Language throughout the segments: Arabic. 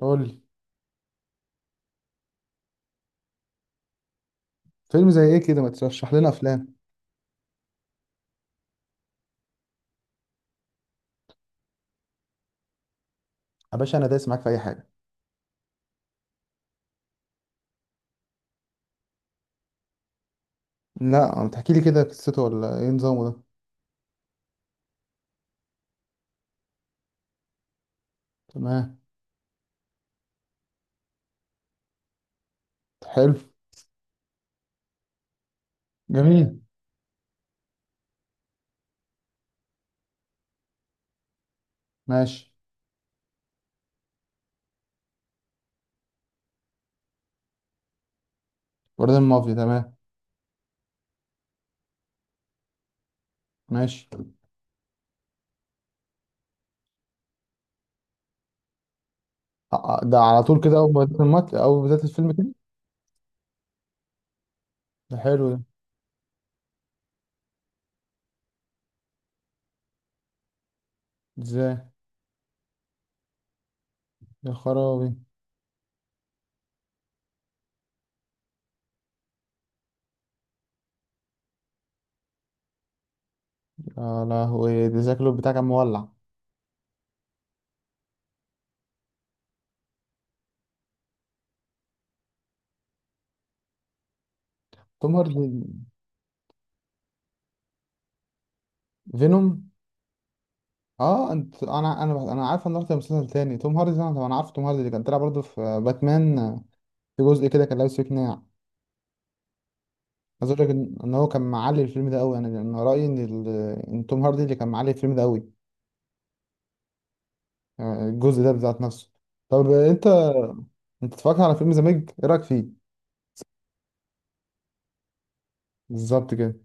قول لي. فيلم زي ايه كده؟ ما ترشح لنا افلام. يا باشا، انا دايس معاك في اي حاجه. لا، ما تحكي لي كده قصته ولا ايه نظامه ده؟ تمام. حلو. جميل. ماشي. وردان مافيا، تمام. ماشي. ده على طول كده اول ما بداية اول بداية الفيلم كده؟ ده حلو ده. ازاي؟ يا خرابي. يا لهوي، ده شكله بتاع كان مولع. توم هاردي. فينوم. اه، انت انا عارف ان رحت مسلسل تاني توم هاردي ده، انا عارف توم هاردي اللي كان طلع برضه في باتمان. في جزء كده كان لابس فيه قناع. عايز اقول لك ان هو كان معلي الفيلم ده قوي، يعني انا رايي ان توم هاردي اللي كان معلي الفيلم ده قوي. الجزء ده بذات نفسه. طب انت اتفرجت على فيلم ذا ميج؟ ايه رايك فيه؟ بالظبط كده.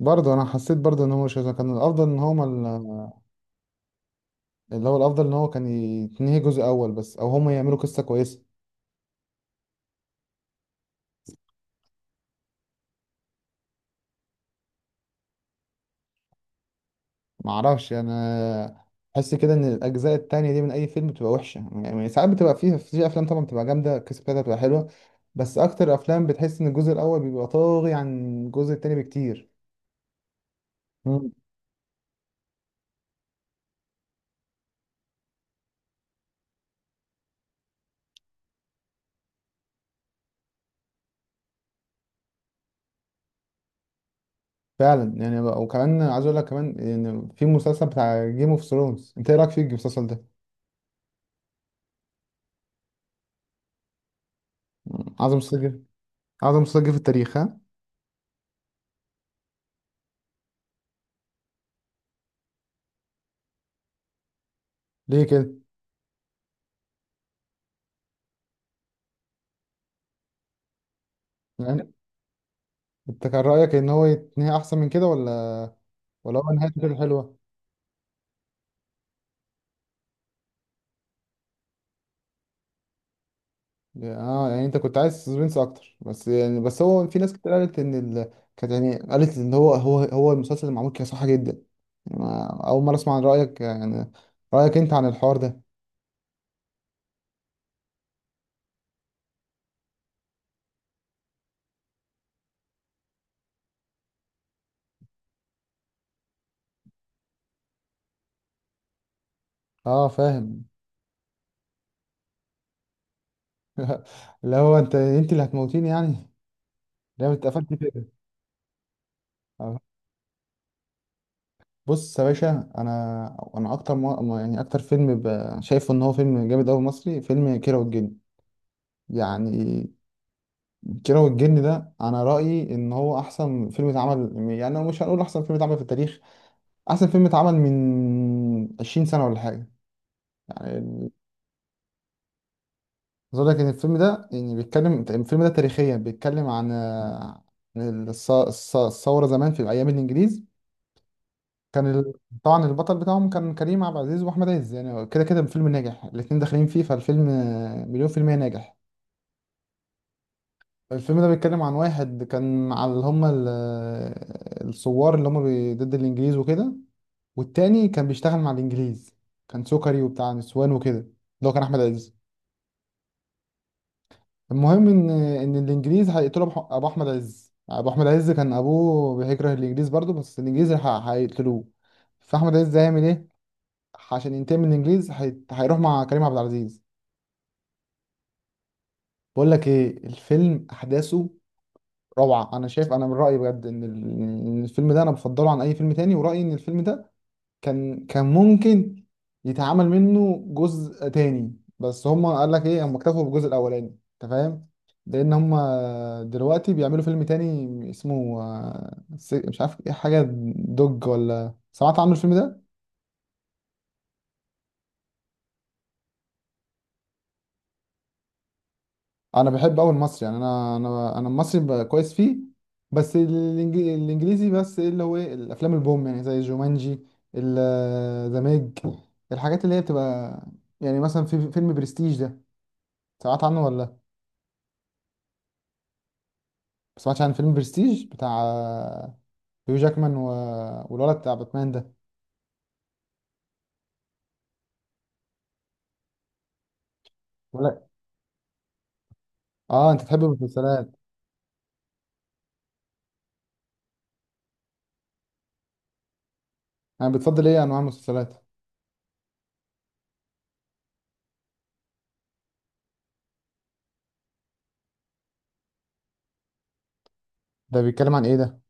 برضه انا حسيت برضه ان هو مش كان الافضل، اللي هو الافضل ان هو كان يتنهي جزء اول بس، او هما يعملوا قصه كويسه. معرفش انا. بحس كده ان الاجزاء التانية دي من اي فيلم بتبقى وحشه. يعني ساعات بتبقى فيها في افلام طبعا بتبقى جامده، القصه بتاعتها بتبقى حلوه. بس اكتر افلام بتحس ان الجزء الاول بيبقى طاغي عن الجزء التاني بكتير. مم. فعلا، يعني وكمان عايز اقول لك كمان ان في مسلسل بتاع جيم اوف ثرونز، انت ايه رايك في المسلسل ده؟ اعظم مسلسل؟ اعظم مسلسل في التاريخ ها؟ ليه كده؟ يعني انت كان رايك ان هو يتنهي احسن من كده، ولا هو نهايته كده حلوه؟ اه، يعني انت كنت عايز سسبنس اكتر. بس هو في ناس كتير قالت كانت يعني قالت ان هو المسلسل اللي معمول كده صح جدا. يعني اول مره اسمع عن رايك، يعني رايك انت عن الحوار ده. اه، فاهم. اللي هو انت اللي هتموتيني يعني. ليه ما اتقفلت كده؟ آه. بص يا باشا، انا اكتر يعني اكتر فيلم شايفه ان هو فيلم جامد قوي مصري، فيلم كيرة والجن. يعني كيرة والجن ده انا رايي ان هو احسن فيلم اتعمل. يعني مش هنقول احسن فيلم اتعمل في التاريخ، احسن فيلم اتعمل من 20 سنه ولا حاجه. يعني عايز اقول لك ان الفيلم ده يعني بيتكلم، الفيلم ده تاريخيا بيتكلم عن عن الثوره زمان في ايام الانجليز. كان ال- طبعا البطل بتاعهم كان كريم عبد العزيز واحمد عز، يعني كده كده الفيلم ناجح، الاتنين داخلين فيه. فالفيلم مليون في المية ناجح. الفيلم ده بيتكلم عن واحد كان مع اللي هم الثوار، اللي هم ضد الانجليز وكده. والتاني كان بيشتغل مع الانجليز، كان سكري وبتاع نسوان وكده، اللي هو كان احمد عز. المهم ان الانجليز هيقتلوا ابو احمد عز. ابو احمد عز كان ابوه بيكره الانجليز برضه، بس الانجليز هيقتلوه. فاحمد عز هيعمل ايه؟ عشان ينتقم من الانجليز هيروح مع كريم عبد العزيز. بقول لك ايه، الفيلم احداثه روعه. انا شايف، انا من رايي بجد إن الفيلم ده انا بفضله عن اي فيلم تاني، ورايي ان الفيلم ده كان ممكن يتعمل منه جزء تاني، بس هما قال لك ايه، هما اكتفوا بالجزء الاولاني. انت فاهم؟ لان هما دلوقتي بيعملوا فيلم تاني اسمه مش عارف ايه حاجه، دوج، ولا سمعت عنه الفيلم ده؟ انا بحب قوي المصري، يعني انا المصري كويس فيه. بس الانجليزي، بس ايه اللي هو ايه الافلام البوم يعني، زي جومانجي، ذا ميج، الحاجات اللي هي بتبقى. يعني مثلا في فيلم برستيج ده، سمعت عنه ولا سمعتش؟ عن فيلم برستيج بتاع هيو جاكمان والولد بتاع باتمان ده؟ ولا. اه، انت تحب المسلسلات. انا بتفضل ايه انواع المسلسلات؟ ده بيتكلم عن ايه ده؟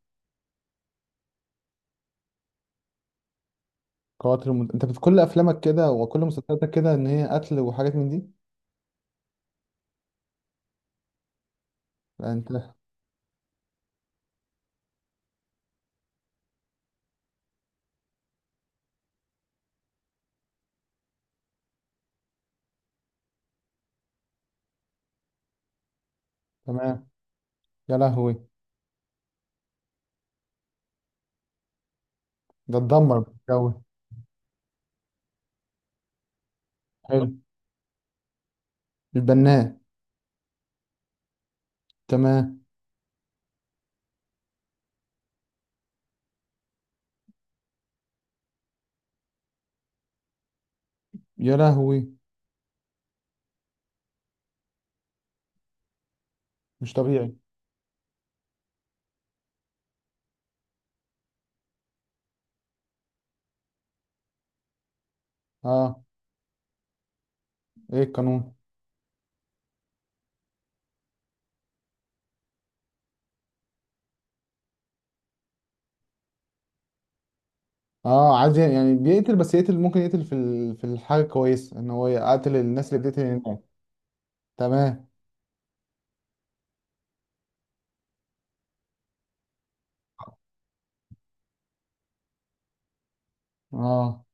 قاتل كل افلامك كده وكل مسلسلاتك كده، ان هي قتل وحاجات من دي. لا انت. تمام. يا لهوي. ده اتدمر. الجو. حلو. البناء. تمام. يا لهوي. مش طبيعي. اه. ايه القانون؟ اه، عايز يعني بيقتل، بس يقتل ممكن، يقتل في في الحاجه، كويس ان هو يقتل الناس اللي بتقتل الناس. تمام. اه.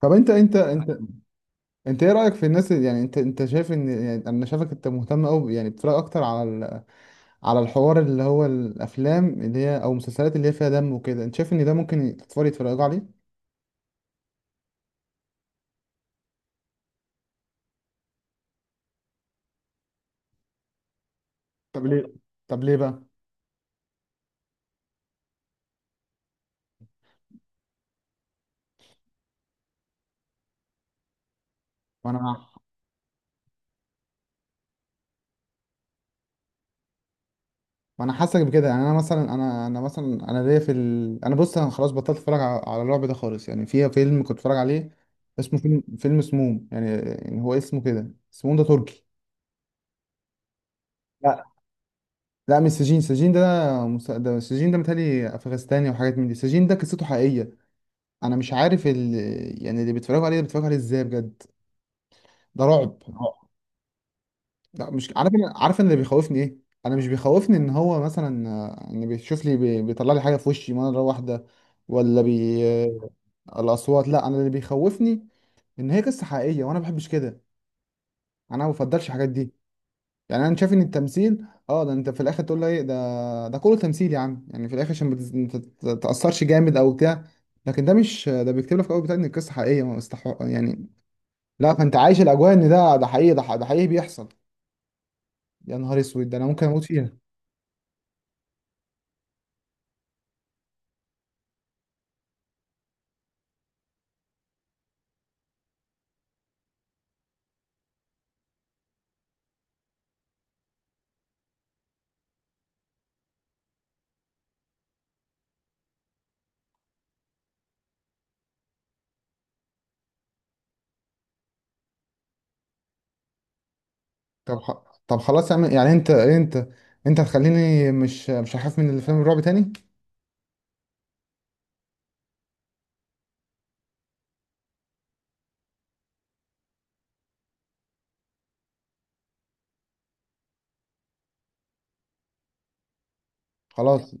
طب انت، انت ايه رايك في الناس يعني انت شايف ان، يعني انا شايفك انت مهتم قوي يعني بتتفرج اكتر على على الحوار، اللي هو الافلام اللي هي او المسلسلات اللي هي فيها دم وكده، انت شايف ان ده ممكن الاطفال يتفرجوا عليه؟ طب ليه؟ طب ليه بقى؟ وانا وانا حاسك بكده. يعني انا مثلا، انا مثلا انا ليا في انا، بص، انا خلاص بطلت اتفرج على الرعب ده خالص. يعني في فيلم كنت اتفرج عليه اسمه فيلم سموم، يعني هو اسمه كده سموم، ده تركي. لا. لا مش سجين، سجين ده ده سجين ده متهيألي أفغانستاني وحاجات من دي. سجين ده قصته حقيقية. أنا مش عارف يعني اللي بيتفرجوا عليه ده بيتفرجوا عليه إزاي بجد؟ ده رعب رعب. لا مش عارف. أنا عارف أنا اللي بيخوفني إيه. أنا مش بيخوفني إن هو مثلا إن بيشوف لي بيطلع لي حاجة في وشي مرة واحدة، ولا بي... آه، الأصوات. لا، أنا اللي بيخوفني إن هي قصة حقيقية، وأنا ما بحبش كده. أنا ما بفضلش الحاجات دي. يعني انا شايف ان التمثيل، ده انت في الاخر تقول له ايه ده كله تمثيل يا عم، يعني في الاخر عشان ما تتاثرش جامد او بتاع. لكن ده مش، ده بيكتب لك في الاول بتاع ان القصه حقيقيه ما استحق يعني. لا، فانت عايش الاجواء ان ده حقيقي، ده حقيقي بيحصل. يا نهار اسود، ده انا ممكن اموت فيها. طب خ... طب خلاص يا عم، يعني انت انت هتخليني مش هخاف من الفيلم الرعب تاني. خلاص.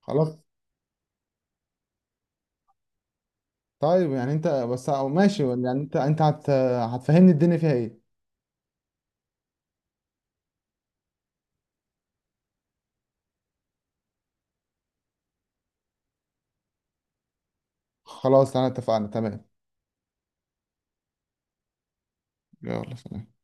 خلاص. طيب، يعني انت بس، أو ماشي، يعني انت هتفهمني الدنيا فيها ايه. خلاص، انا اتفقنا. تمام. يلا سلام.